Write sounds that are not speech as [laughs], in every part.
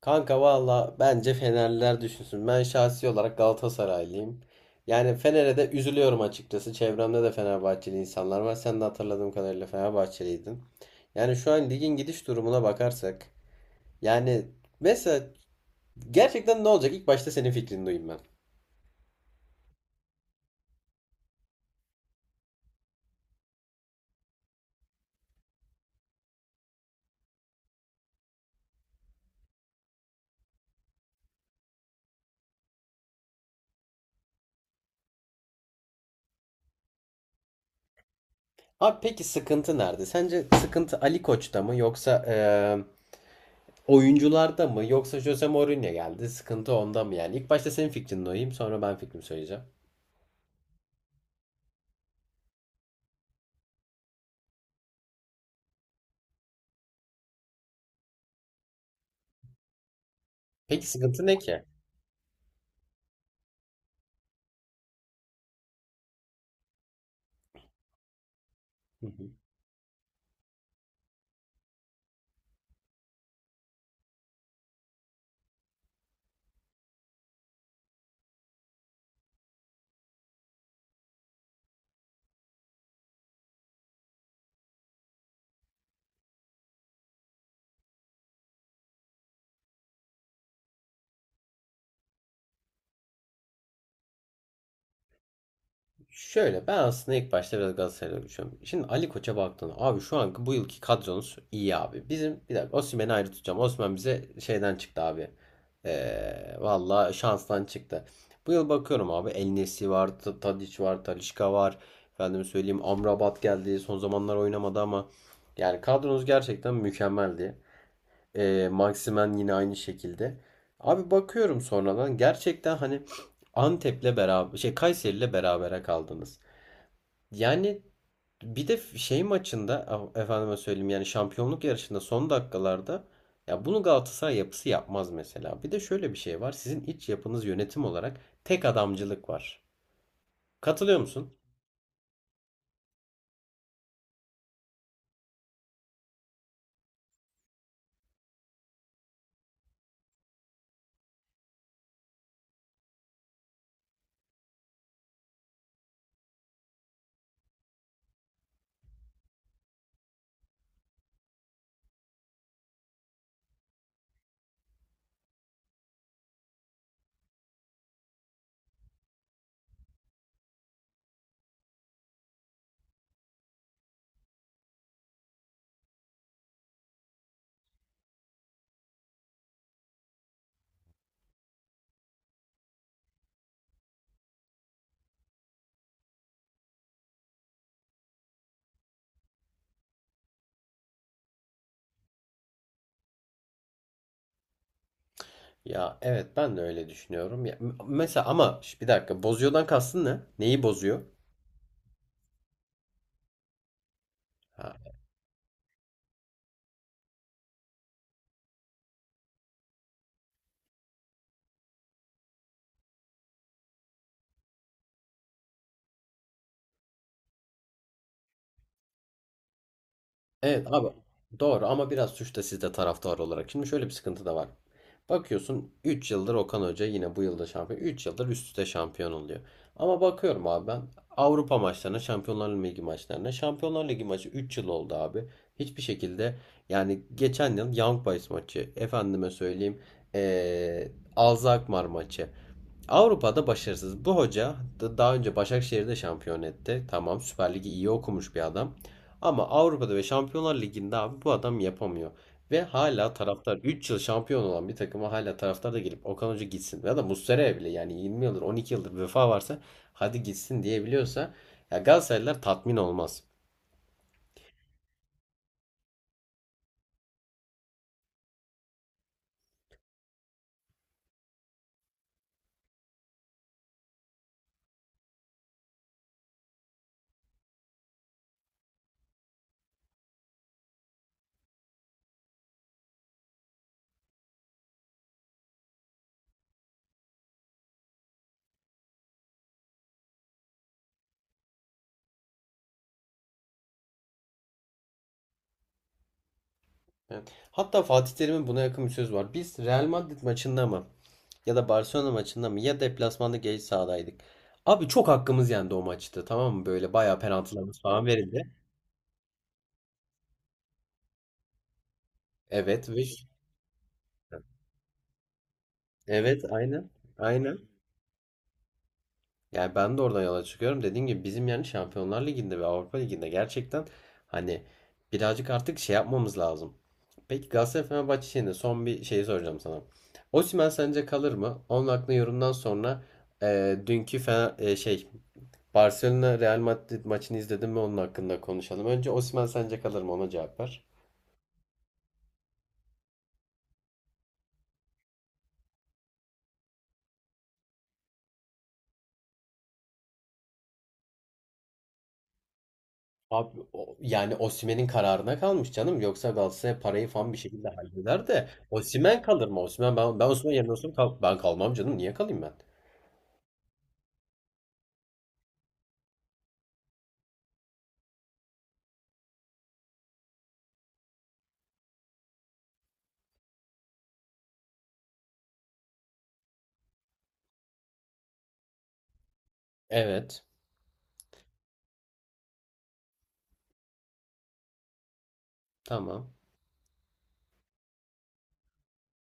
Kanka valla bence Fenerliler düşünsün. Ben şahsi olarak Galatasaraylıyım. Yani Fener'e de üzülüyorum açıkçası. Çevremde de Fenerbahçeli insanlar var. Sen de hatırladığım kadarıyla Fenerbahçeliydin. Yani şu an ligin gidiş durumuna bakarsak. Yani mesela gerçekten ne olacak? İlk başta senin fikrini duyayım ben. Abi peki sıkıntı nerede? Sence sıkıntı Ali Koç'ta mı yoksa oyuncularda mı yoksa Jose Mourinho geldi? Sıkıntı onda mı yani? İlk başta senin fikrini duyayım, sonra ben fikrimi söyleyeceğim. Peki sıkıntı ne ki? Şöyle, ben aslında ilk başta biraz Galatasaray'da konuşuyorum. Şimdi Ali Koç'a baktığında abi, şu anki bu yılki kadronuz iyi abi. Bizim, bir dakika, Osimhen'i ayrı tutacağım. Osimhen bize şeyden çıktı abi. Valla şanstan çıktı. Bu yıl bakıyorum abi, El Nesi var, Tadic var, Talisca var. Efendim söyleyeyim, Amrabat geldi. Son zamanlar oynamadı ama yani kadronuz gerçekten mükemmeldi. Maximen yine aynı şekilde. Abi bakıyorum sonradan gerçekten hani Antep'le beraber, şey, Kayseri'yle berabere kaldınız. Yani bir de şey maçında efendime söyleyeyim, yani şampiyonluk yarışında son dakikalarda, ya bunu Galatasaray yapısı yapmaz mesela. Bir de şöyle bir şey var. Sizin iç yapınız yönetim olarak tek adamcılık var. Katılıyor musun? Ya evet, ben de öyle düşünüyorum. Ya, mesela ama, bir dakika, bozuyordan kastın ne? Neyi bozuyor? Ha. Evet abi, doğru, ama biraz suç da sizde taraftar olarak. Şimdi şöyle bir sıkıntı da var. Bakıyorsun, 3 yıldır Okan Hoca yine bu yılda şampiyon. Üç yıldır üst üste şampiyon oluyor. Ama bakıyorum abi ben Avrupa maçlarına, Şampiyonlar Ligi maçlarına. Şampiyonlar Ligi maçı 3 yıl oldu abi. Hiçbir şekilde, yani geçen yıl Young Boys maçı, efendime söyleyeyim, Alzheimer maçı. Avrupa'da başarısız. Bu hoca daha önce Başakşehir'de şampiyon etti. Tamam, Süper Lig'i iyi okumuş bir adam. Ama Avrupa'da ve Şampiyonlar Ligi'nde abi bu adam yapamıyor. Ve hala taraftar, 3 yıl şampiyon olan bir takıma hala taraftar da gelip Okan Hoca gitsin ya da Muslera'ya bile, yani 20 yıldır, 12 yıldır bir vefa varsa hadi gitsin diyebiliyorsa, ya Galatasaraylılar tatmin olmaz. Evet. Hatta Fatih Terim'in buna yakın bir sözü var. Biz Real Madrid maçında mı ya da Barcelona maçında mı, ya deplasmanda geç sahadaydık. Abi çok hakkımız yendi o maçta, tamam mı? Böyle bayağı penaltılarımız falan verildi. Evet ve evet, aynen. Aynen. Yani ben de oradan yola çıkıyorum. Dediğim gibi bizim yani Şampiyonlar Ligi'nde ve Avrupa Ligi'nde gerçekten hani birazcık artık şey yapmamız lazım. Peki Galatasaray Fenerbahçe şeyinde son bir şeyi soracağım sana. Osimhen sence kalır mı? Onun hakkında yorumdan sonra, dünkü Fener, şey, Barcelona Real Madrid maçını izledim mi onun hakkında konuşalım. Önce Osimhen sence kalır mı? Ona cevap ver. Abi, yani Osimhen'in kararına kalmış canım. Yoksa Galatasaray parayı falan bir şekilde halleder de Osimhen kalır mı? Osimhen, ben Osimhen yerine olsam ben kalmam canım. Niye kalayım ben? Evet. Tamam.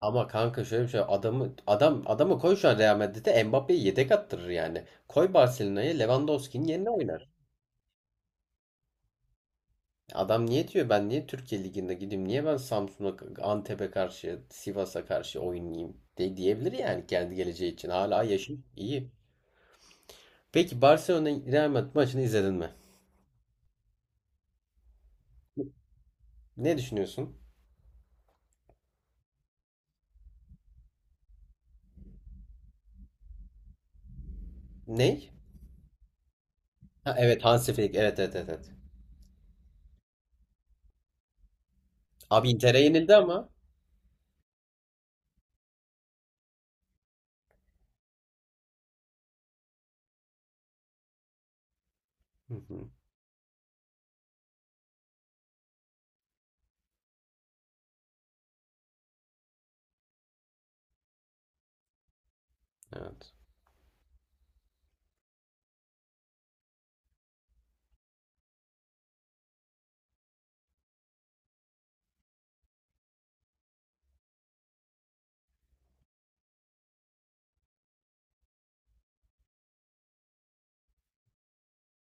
Ama kanka şöyle bir şey, adamı koy şu an Real Madrid'e, Mbappé'yi yedek attırır yani. Koy Barcelona'ya, Lewandowski'nin yerine oynar. Adam niye diyor ben niye Türkiye Ligi'nde gideyim? Niye ben Samsun'a, Antep'e karşı, Sivas'a karşı oynayayım de, diyebilir yani kendi geleceği için. Hala yaşım iyi. Peki Barcelona Real Madrid maçını izledin mi? Ne düşünüyorsun? Ney? Ha, evet, Hansi Flick. Evet, evet, evet. Evet. Abi Inter'e yenildi ama. Hı hı. Evet.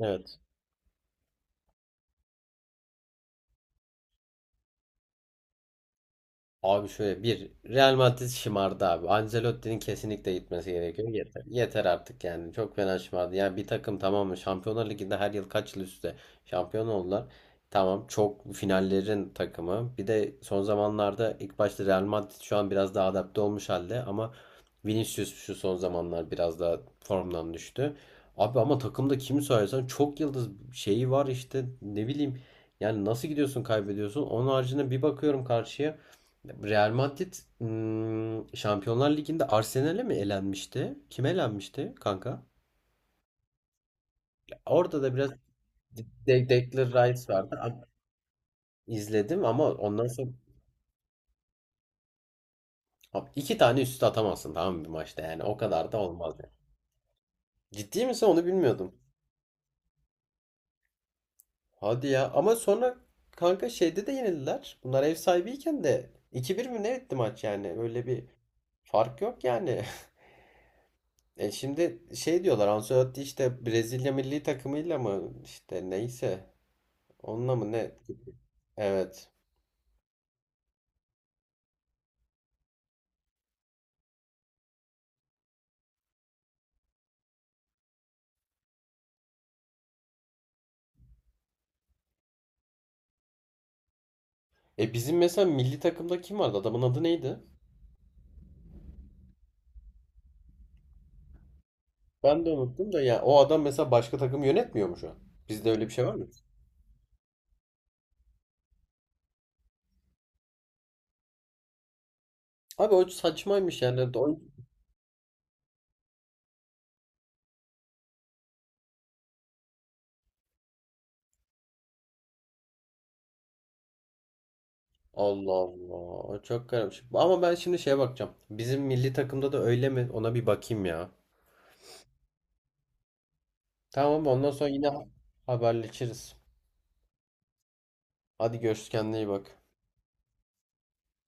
Evet. Abi şöyle, bir Real Madrid şımardı abi. Ancelotti'nin kesinlikle gitmesi gerekiyor. Yeter. Yeter artık yani. Çok fena şımardı. Yani bir takım, tamam mı? Şampiyonlar Ligi'nde her yıl, kaç yıl üstte şampiyon oldular. Tamam, çok finallerin takımı. Bir de son zamanlarda ilk başta Real Madrid şu an biraz daha adapte olmuş halde ama Vinicius şu son zamanlar biraz daha formdan düştü. Abi ama takımda kimi sayarsan çok yıldız şeyi var işte, ne bileyim. Yani nasıl gidiyorsun, kaybediyorsun. Onun haricinde bir bakıyorum karşıya. Real Madrid Şampiyonlar Ligi'nde Arsenal'e mi elenmişti? Kim elenmişti kanka? Ya orada da biraz Declan Rice vardı. Abi, İzledim ama ondan sonra, abi iki tane üst üste atamazsın, tamam mı, bir maçta, yani o kadar da olmaz yani. Ciddi misin? Onu bilmiyordum. Hadi ya, ama sonra kanka şeyde de yenildiler. Bunlar ev sahibiyken de iki bir mi ne etti maç, yani öyle bir fark yok yani. [laughs] E şimdi şey diyorlar, Ancelotti işte Brezilya milli takımıyla mı, işte neyse, onunla mı ne? Evet. E bizim mesela milli takımda kim vardı? Adamın adı neydi? Ben de unuttum da, ya o adam mesela başka takım yönetmiyor mu şu an? Bizde öyle bir şey var mı? Abi o saçmaymış yani. Allah Allah. O çok garipmiş. Ama ben şimdi şeye bakacağım. Bizim milli takımda da öyle mi? Ona bir bakayım ya. Tamam, ondan sonra yine haberleşiriz. Hadi görüşürüz, kendine iyi bak.